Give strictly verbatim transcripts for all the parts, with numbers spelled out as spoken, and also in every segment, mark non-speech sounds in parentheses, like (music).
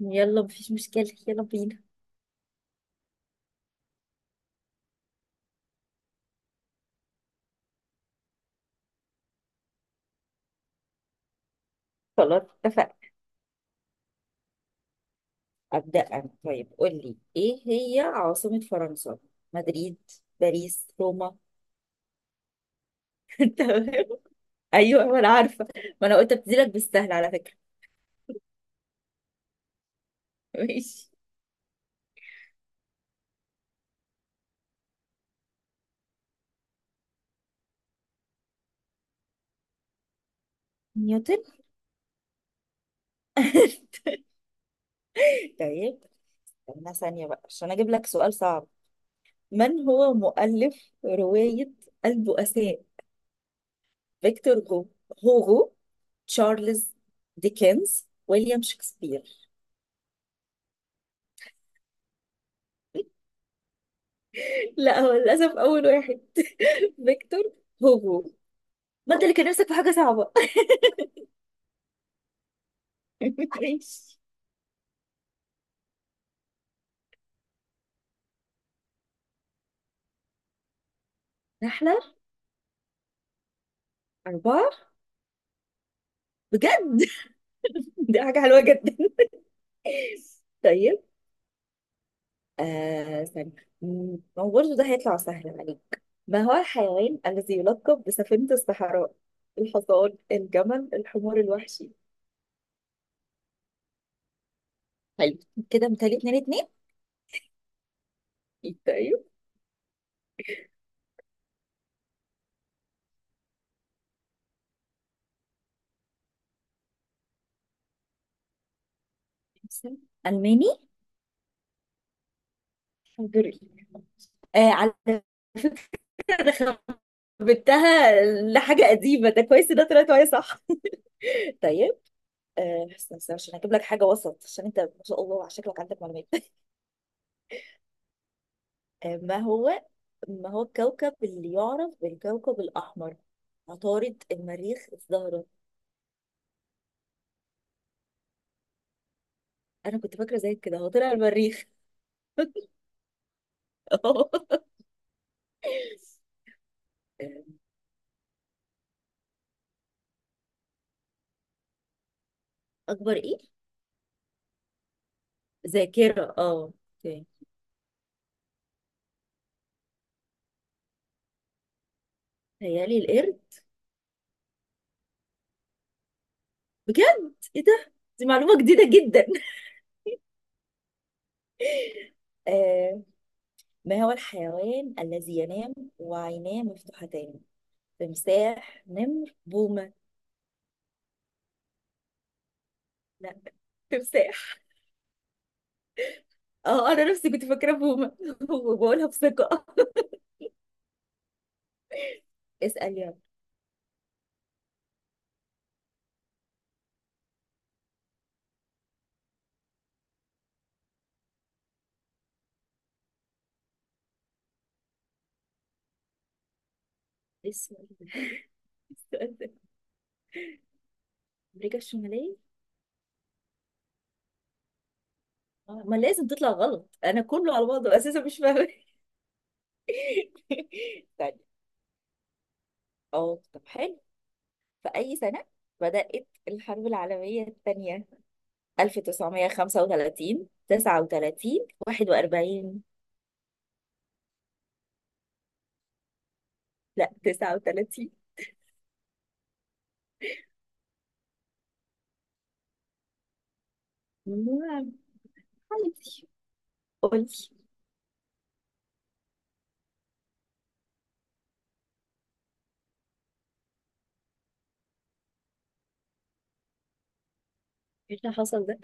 يلا مفيش مشكلة، يلا بينا. خلاص، اتفقنا. أبدأ أنا. طيب، قول لي إيه هي عاصمة فرنسا؟ مدريد، باريس، روما. (laughs) تمام. أيوه، ما أنا عارفة. ما أنا قلت أبتديلك بالسهل على فكرة. ماشي. نيوتن. (laughs) طيب، استنى ثانية بقى عشان أجيب لك سؤال صعب. من هو مؤلف رواية البؤساء؟ فيكتور جو، هوغو، تشارلز ديكنز، ويليام شكسبير. (laughs) لا، هو للأسف أول واحد، فيكتور هوجو. ما انت اللي كان نفسك في حاجه صعبه. (laughs) ماشي. نحله. اربعه. بجد. (laughs) دي حاجه حلوه جدا. طيب. آه استنى. م- هو برضه ده هيطلع سهل عليك. ما هو الحيوان الذي يلقب بسفينه الصحراء؟ الحصان، الجمل، الحمار الوحشي. حلو. كده متهيألي اتنين. اتنين، طيب. الماني. هنغري. آه، على فكرة خربتها لحاجه قديمه، ده كويس إن ده طلعت معايا صح. (laughs) طيب. آه، استنى استنى عشان هجيب لك حاجة وسط، عشان انت ما شاء الله على شكلك عندك معلومات. (laughs) آه، ما هو ما هو الكوكب اللي يعرف بالكوكب الأحمر؟ عطارد، المريخ، الزهرة. أنا كنت فاكرة زي كده، هو طلع المريخ. (laughs) آه، أكبر إيه؟ ذاكرة، اه، اوكي. تهيألي القرد. بجد، إيه ده؟ دي معلومة جديدة جدا. (laughs) آه، ما هو الحيوان الذي ينام وعيناه مفتوحتان؟ تمساح، نمر، بومة. لا، تمساح. اه، انا نفسي كنت فاكره بومه (laughs) وبقولها بثقه. اسال يلا. ايه السؤال ده إيه السؤال ده؟ امريكا الشماليه. آه، ما لازم تطلع غلط، انا كله على بعضه اساسا مش فاهمه. (laughs) طيب. اه، طب حلو. في اي سنه بدات الحرب العالميه الثانيه؟ ألف وتسعمائة وخمسة وثلاثين، تسعة وثلاثين، واحد وأربعين. لا، تسعة وتلاتين. نعم حبيبتي، قولي. ايه اللي حصل ده؟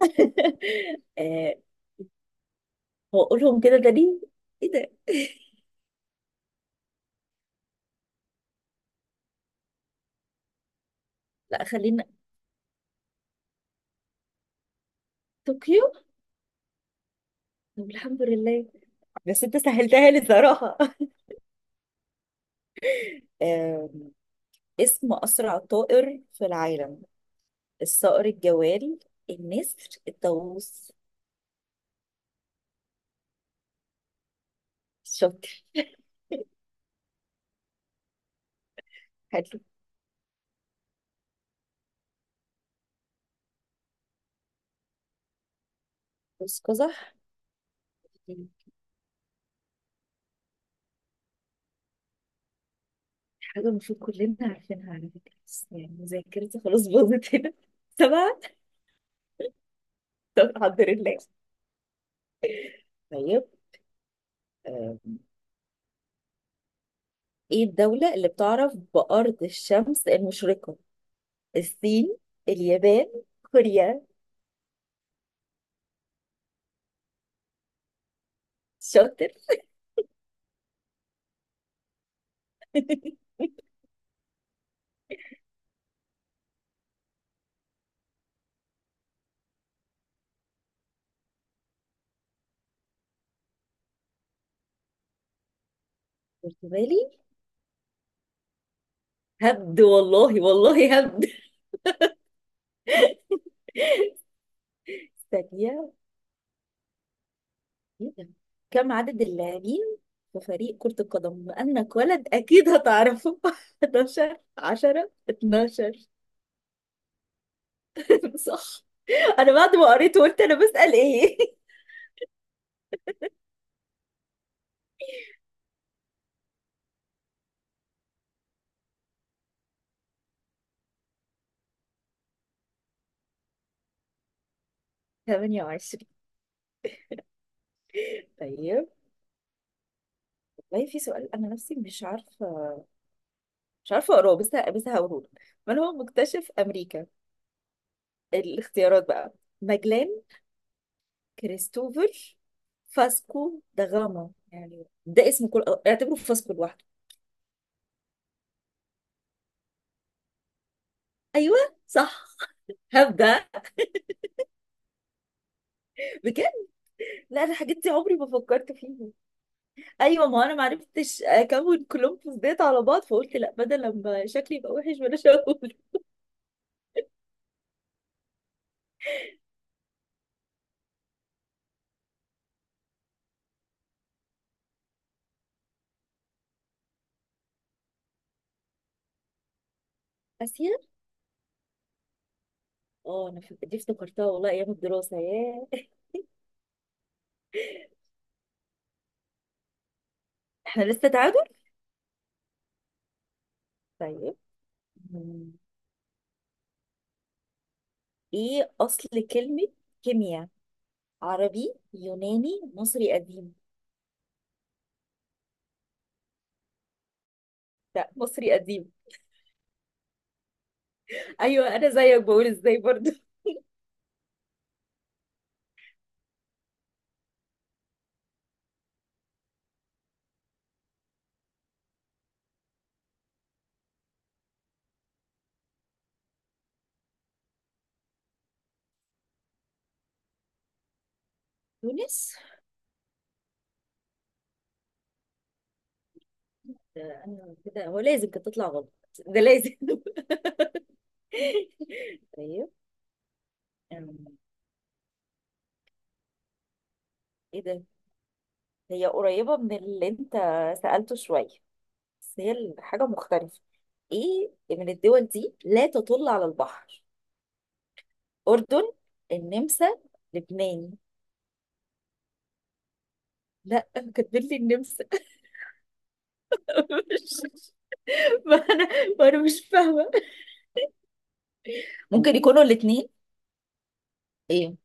(laughs) آه، هو اقولهم كده ده ليه؟ ايه ده. (laughs) لا، خلينا طوكيو. طب الحمد لله، بس انت سهلتها لي صراحة. (laughs) آم، اسم أسرع طائر في العالم. الصقر الجوال، النسر، الطاووس. شاطر. حلو. بص قزح. يعني حاجة المفروض كلنا عارفينها على فكرة، بس يعني ذاكرتي خلاص باظت هنا. (laughs) سبعة. طب الحمد لله. طيب. آم، ايه الدولة اللي بتعرف بأرض الشمس المشرقة؟ الصين، اليابان، كوريا. شاطر. (laughs) برتغالي. هبد والله، والله هبد. ثانية، إيه ده؟ كم عدد اللاعبين في فريق كرة القدم؟ بما انك ولد اكيد هتعرفه. (laughs) حداشر، عشرة، اتناشر. (laughs) صح. انا بعد ما قريت قلت انا بسأل ايه. (laughs) تمانية وعشرين. طيب، والله في سؤال انا نفسي مش عارفة. مش عارفة اقراه، بس بس هقوله لك. من هو مكتشف امريكا؟ الاختيارات بقى ماجلان، كريستوفر، فاسكو دا غاما. يعني ده اسم كل، اعتبره فاسكو. ايوه، صح. هبدأ بجد. لا، انا الحاجات دي عمري ما فكرت فيها. ايوه، ما انا ما عرفتش اكون كولومبوس ديت على بعض، فقلت لا، بدل لما شكلي يبقى وحش بلاش اقول. اسيا. اه، انا ف- دي افتكرتها والله ايام الدراسه، ياه. احنا لسه تعادل. طيب. مم. ايه اصل كلمه كيمياء؟ عربي، يوناني، مصري قديم. لا، مصري قديم. ايوه، انا زيك بقول ازاي برضو. تونس. ده انا كده هو لازم كانت تطلع غلط، ده لازم. (laughs) طيب. أم، ايه ده. هي قريبة من اللي انت سألته شوية، بس هي حاجة مختلفة. ايه من الدول دي لا تطل على البحر؟ أردن، النمسا، لبنان. لا، كاتبين لي النمسا. (laughs) مش- ما انا ما انا مش فاهمة. ممكن يكونوا الاتنين. ايه،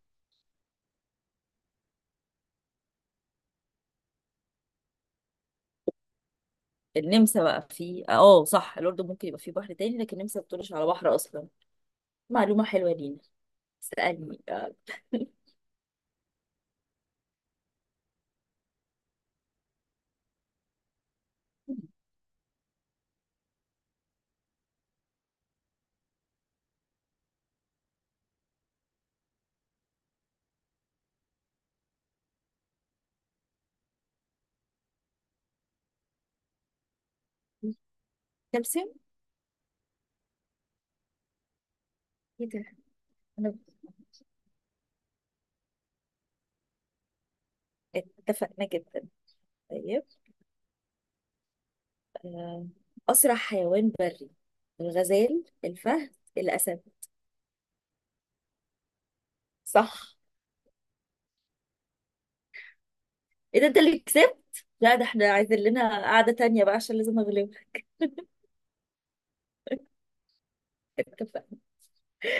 النمسا بقى في، اه، صح. الأردن ممكن يبقى في بحر تاني، لكن النمسا ما بتطلش على بحر أصلا. معلومة حلوة لينا. اسألني آه. (laughs) كالسيوم. ايه ده. انا اتفقنا كده. طيب. آه، أسرع حيوان بري. الغزال، الفهد، الأسد. صح. إيه ده، أنت اللي كسبت. لا، ده احنا عايزين لنا قعدة تانية بقى، عشان لازم أغلبك. (laughs) اتفقنا.